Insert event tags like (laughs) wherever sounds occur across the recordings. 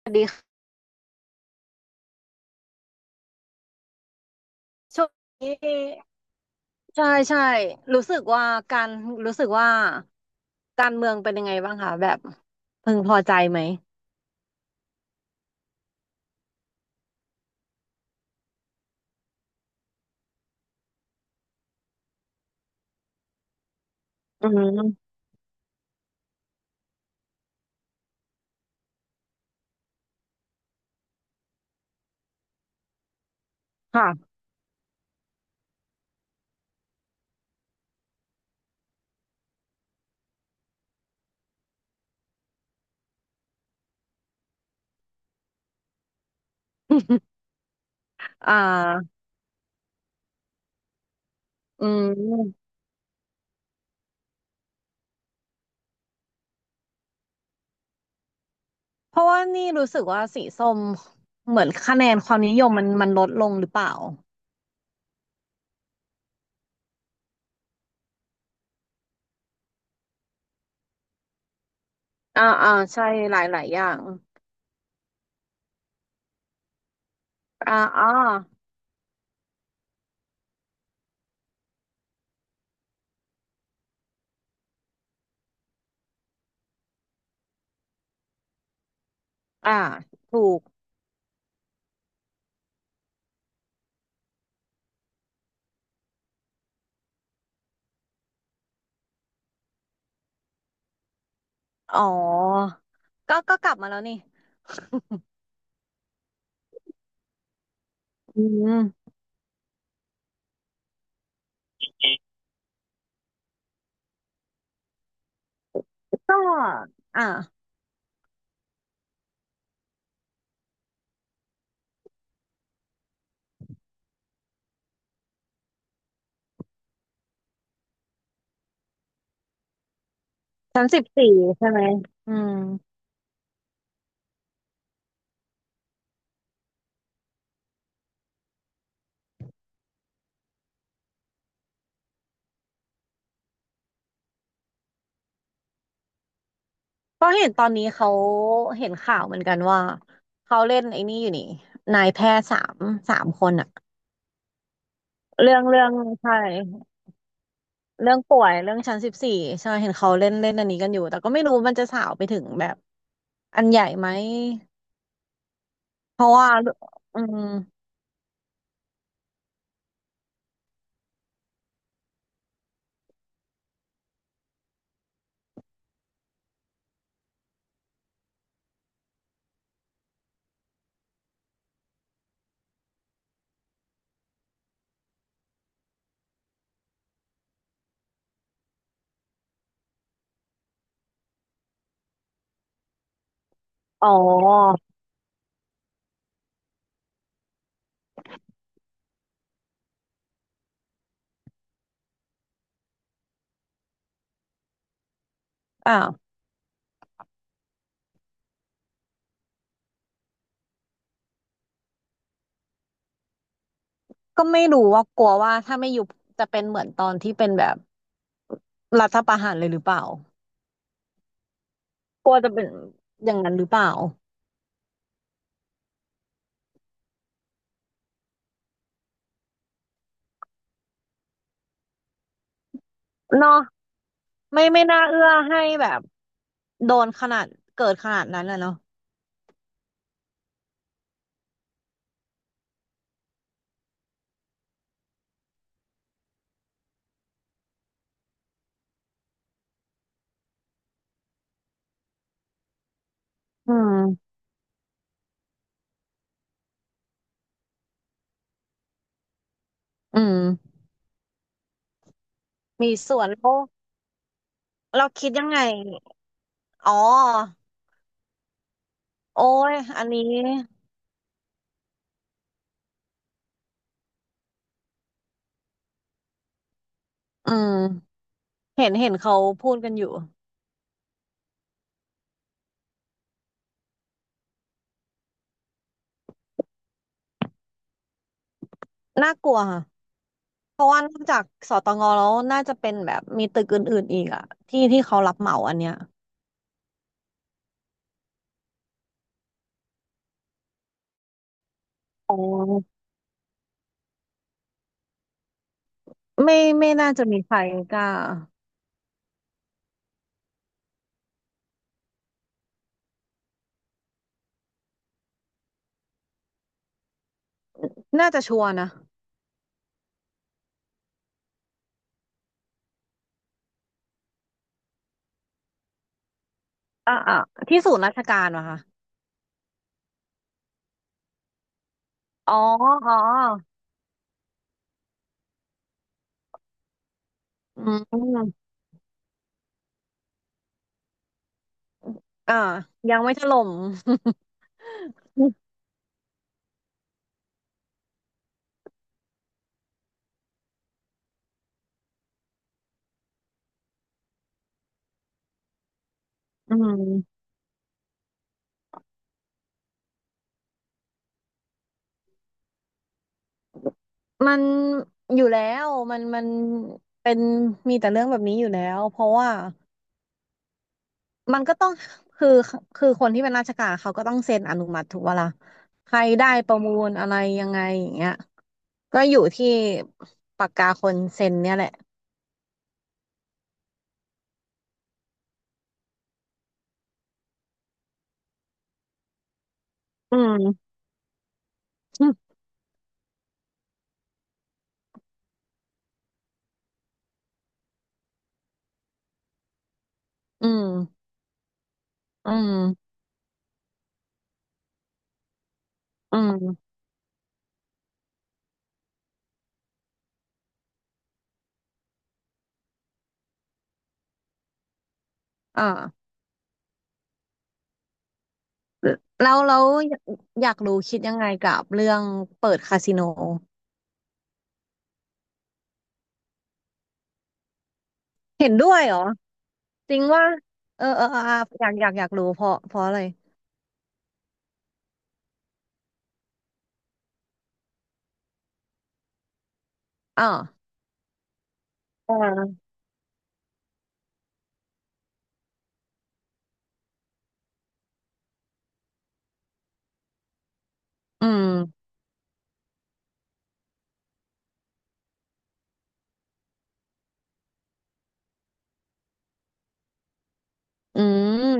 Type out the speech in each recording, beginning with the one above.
สวัสดีค่ะช่วงนี้ใช่ใช่รู้สึกว่าการรู้สึกว่าการเมืองเป็นยังไงบ้างคะแบบพึงพอใจไหมอืมค่ะ (laughs) อ่าอืมเพราะว่านี่รู้สึกว่าสีส้มเหมือนคะแนนความนิยมมันลดลงหรือเปล่าอ่าอ่าใช่หลายหลายอย่างอ่าอ่าอ่าถูกอ๋อก็กลับมาแล้วนี่อืมก็อ่า34ใช่ไหมอืม ก็เห็นตอนนี้เขาเห็นข่าวเหมือนกันว่าเขาเล่นไอ้นี่อยู่นี่นายแพทย์สามคนอะเรื่องใช่เรื่องป่วยเรื่องชั้นสิบสี่ใช่เห็นเขาเล่นเล่นอันนี้กันอยู่แต่ก็ไม่รู้มันจะสาวไปถึงแบบอันใหญ่ไหมเพราะว่าอืมอ๋ออ่าวก็ไม่รู้ว่ากลัวว่าถ้าไม่ยุบจะเป็นเหมือนตอนที่เป็นแบบรัฐประหารเลยหรือเปล่ากลัวจะเป็นอย่างนั้นหรือเปล่า เนาะไม่น่าเอื้อให้แบบโดนขนาดเกิดขนาดนั้นอะเนาะอืมอืมมีส่วนโอ้วเราคิดยังไงอ๋อโอ้ยอันนี้อืมเห็นเขาพูดกันอยู่น่ากลัวค่ะเพราะว่านอกจากสตงแล้วน่าจะเป็นแบบมีตึกอื่นๆอีกอะที่ที่เขารับเหมาอันเนี้ยอ๋อไม่ไม่น่าจะมีใครกล้าน่าจะชัวร์นะอ่ะอ่ะที่ศูนย์ราชการเะคะอ๋ออ๋ออืม อ่ายังไม่ถล่ม (laughs) อืมมันอยู่แล้วมันเป็นมีแต่เรื่องแบบนี้อยู่แล้วเพราะว่ามันก็ต้องคือคือคนที่เป็นราชการเขาก็ต้องเซ็นอนุมัติถูกปะล่ะใครได้ประมูลอะไรยังไงอย่างเงี้ยก็อยู่ที่ปากกาคนเซ็นเนี่ยแหละอืม (laughs) อืมอืมอืมอมอ่าแล้วอยากรู้คิดยังไงกับเรื่องเปิดคาสิโนเห็นด้วยเหรอ จริงว่าเออเออเอออ่ะอยากรู้เพราะอะไรอ่าอ่าอืมอื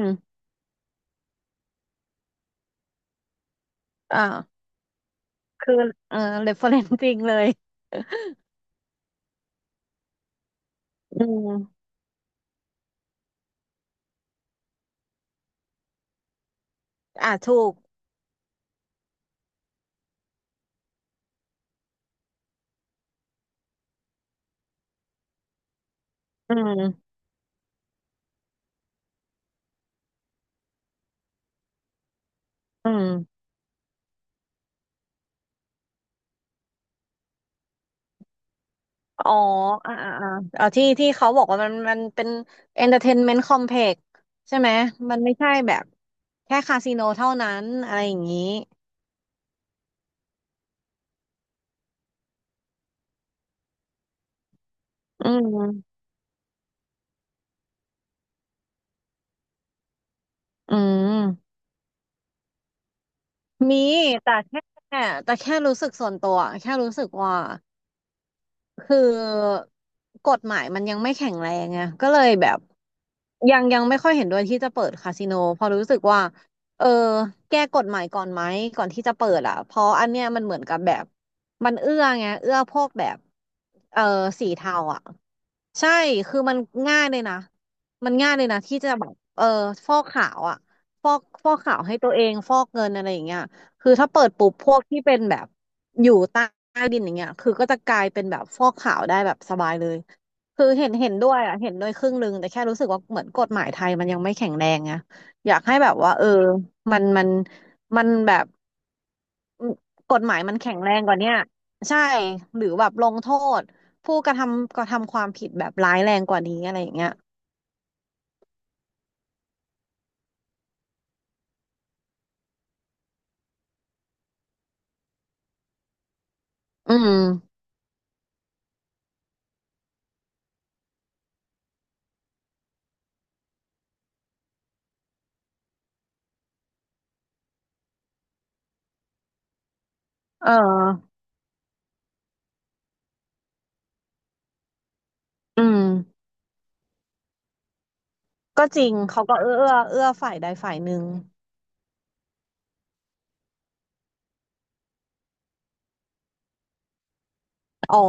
มอ่าคือเออเรฟเฟอเรนซ์จริงเลยอืมอ่าถูกอืมอืมอ๋ออ่าอ่าอ่าเอาที่ที่เขาบอกว่ามันเป็น entertainment complex ใช่ไหมมันไม่ใช่แบบแค่คาสิโนเท่านั้นอะไรอย่างนี้อืมอืมมีแต่แค่รู้สึกส่วนตัวแค่รู้สึกว่า คือกฎหมายมันยังไม่แข็งแรงไงก็เลยแบบยังไม่ค่อยเห็นด้วยที่จะเปิดคาสิโนเพอราะรู้สึกว่าเออแก้กฎหมายก่อนไหมก่อนที่จะเปิดอ่ะเพราะอันเนี้ยมันเหมือนกับแบบมันเอื้อไงเอื้อพวกแบบเออสีเทาอ่ะใช่คือมันง่ายเลยนะมันง่ายเลยนะที่จะแบบเออฟอกขาวอ่ะฟอกขาวให้ตัวเองฟอกเงินอะไรอย่างเงี้ย คือถ้าเปิดปุ๊บพวกที่เป็นแบบอยู่ใต้ดินอย่างเงี้ยคือก็จะกลายเป็นแบบฟอกขาวได้แบบสบายเลยคือเห็นด้วยอ่ะเห็นด้วยครึ่งหนึ่งแต่แค่รู้สึกว่าเหมือนกฎหมายไทยมันยังไม่แข็งแรงไงอยากให้แบบว่าเออมันมันมันแบบกฎหมายมันแข็งแรงกว่าเนี้ยใช่หรือแบบลงโทษผู้กระทำความผิดแบบร้ายแรงกว่านี้อะไรอย่างเงี้ยอืมเอออืมก็จริงเขาก็เอื้อฝ่ายใดฝ่ายหนึ่งอ๋อ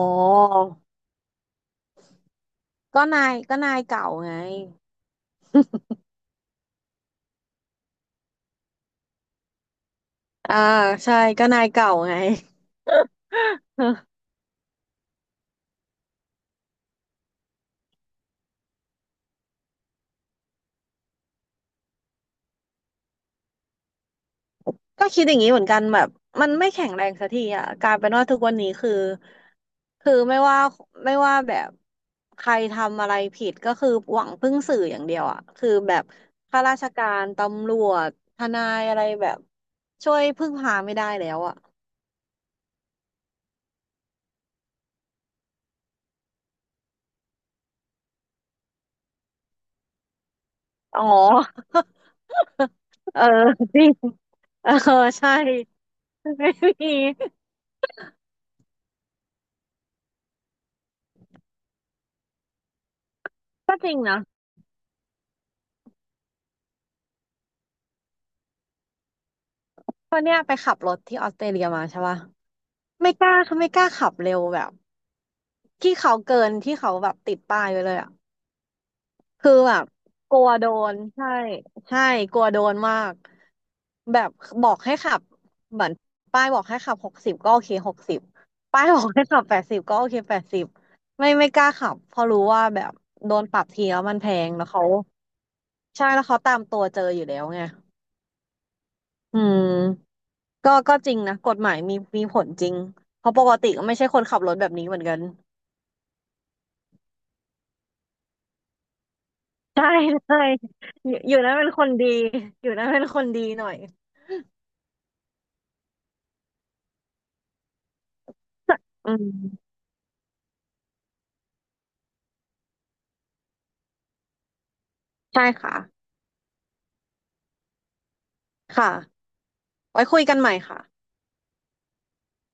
ก็นายเก่าไงอ่าใช่ก็นายเก่าไง (laughs) ก็คิดอย่างนี้เหมือนกันแบบมันไม่แข็งแรงสักทีอ่ะกลายเป็นว่าทุกวันนี้คือไม่ว่าแบบใครทำอะไรผิดก็คือหวังพึ่งสื่ออย่างเดียวอ่ะคือแบบข้าราชการตำรวจทนายอะไรแบบช่วยพึ่งพาไม่ได้แล้วอ่ะอ๋อ (laughs) เออ (laughs) จริงเออใช่ (laughs) ไม่มีก็จริงนะเพราะเนี่ยไปขับรถที่ออสเตรเลียมาใช่ปะ ไม่กล้าเขาไม่กล้าขับเร็วแบบที่เขาเกินที่เขาแบบติดป้ายไว้เลยอ่ะคือแบบกลัวโดนใช่ใช่กลัวโดนมากแบบบอกให้ขับเหมือนป้ายบอกให้ขับหกสิบก็โอเคหกสิบป้ายบอกให้ขับแปดสิบก็โอเคแปดสิบไม่กล้าขับเพราะรู้ว่าแบบโดนปรับทีแล้วมันแพงแล้วเขาใช่แล้วเขาตามตัวเจออยู่แล้วไงอืมก็จริงนะกฎหมายมีผลจริงเพราะปกติก็ไม่ใช่คนขับรถแบบนี้เหมือนกัน ใช่ใช่อยู่นั้นเป็นคนดี อยู่นั้นเป็นคนดีหน่อยอืมใช่ค่ะ ค่ะไว้คุยกันใหม่ค่ะ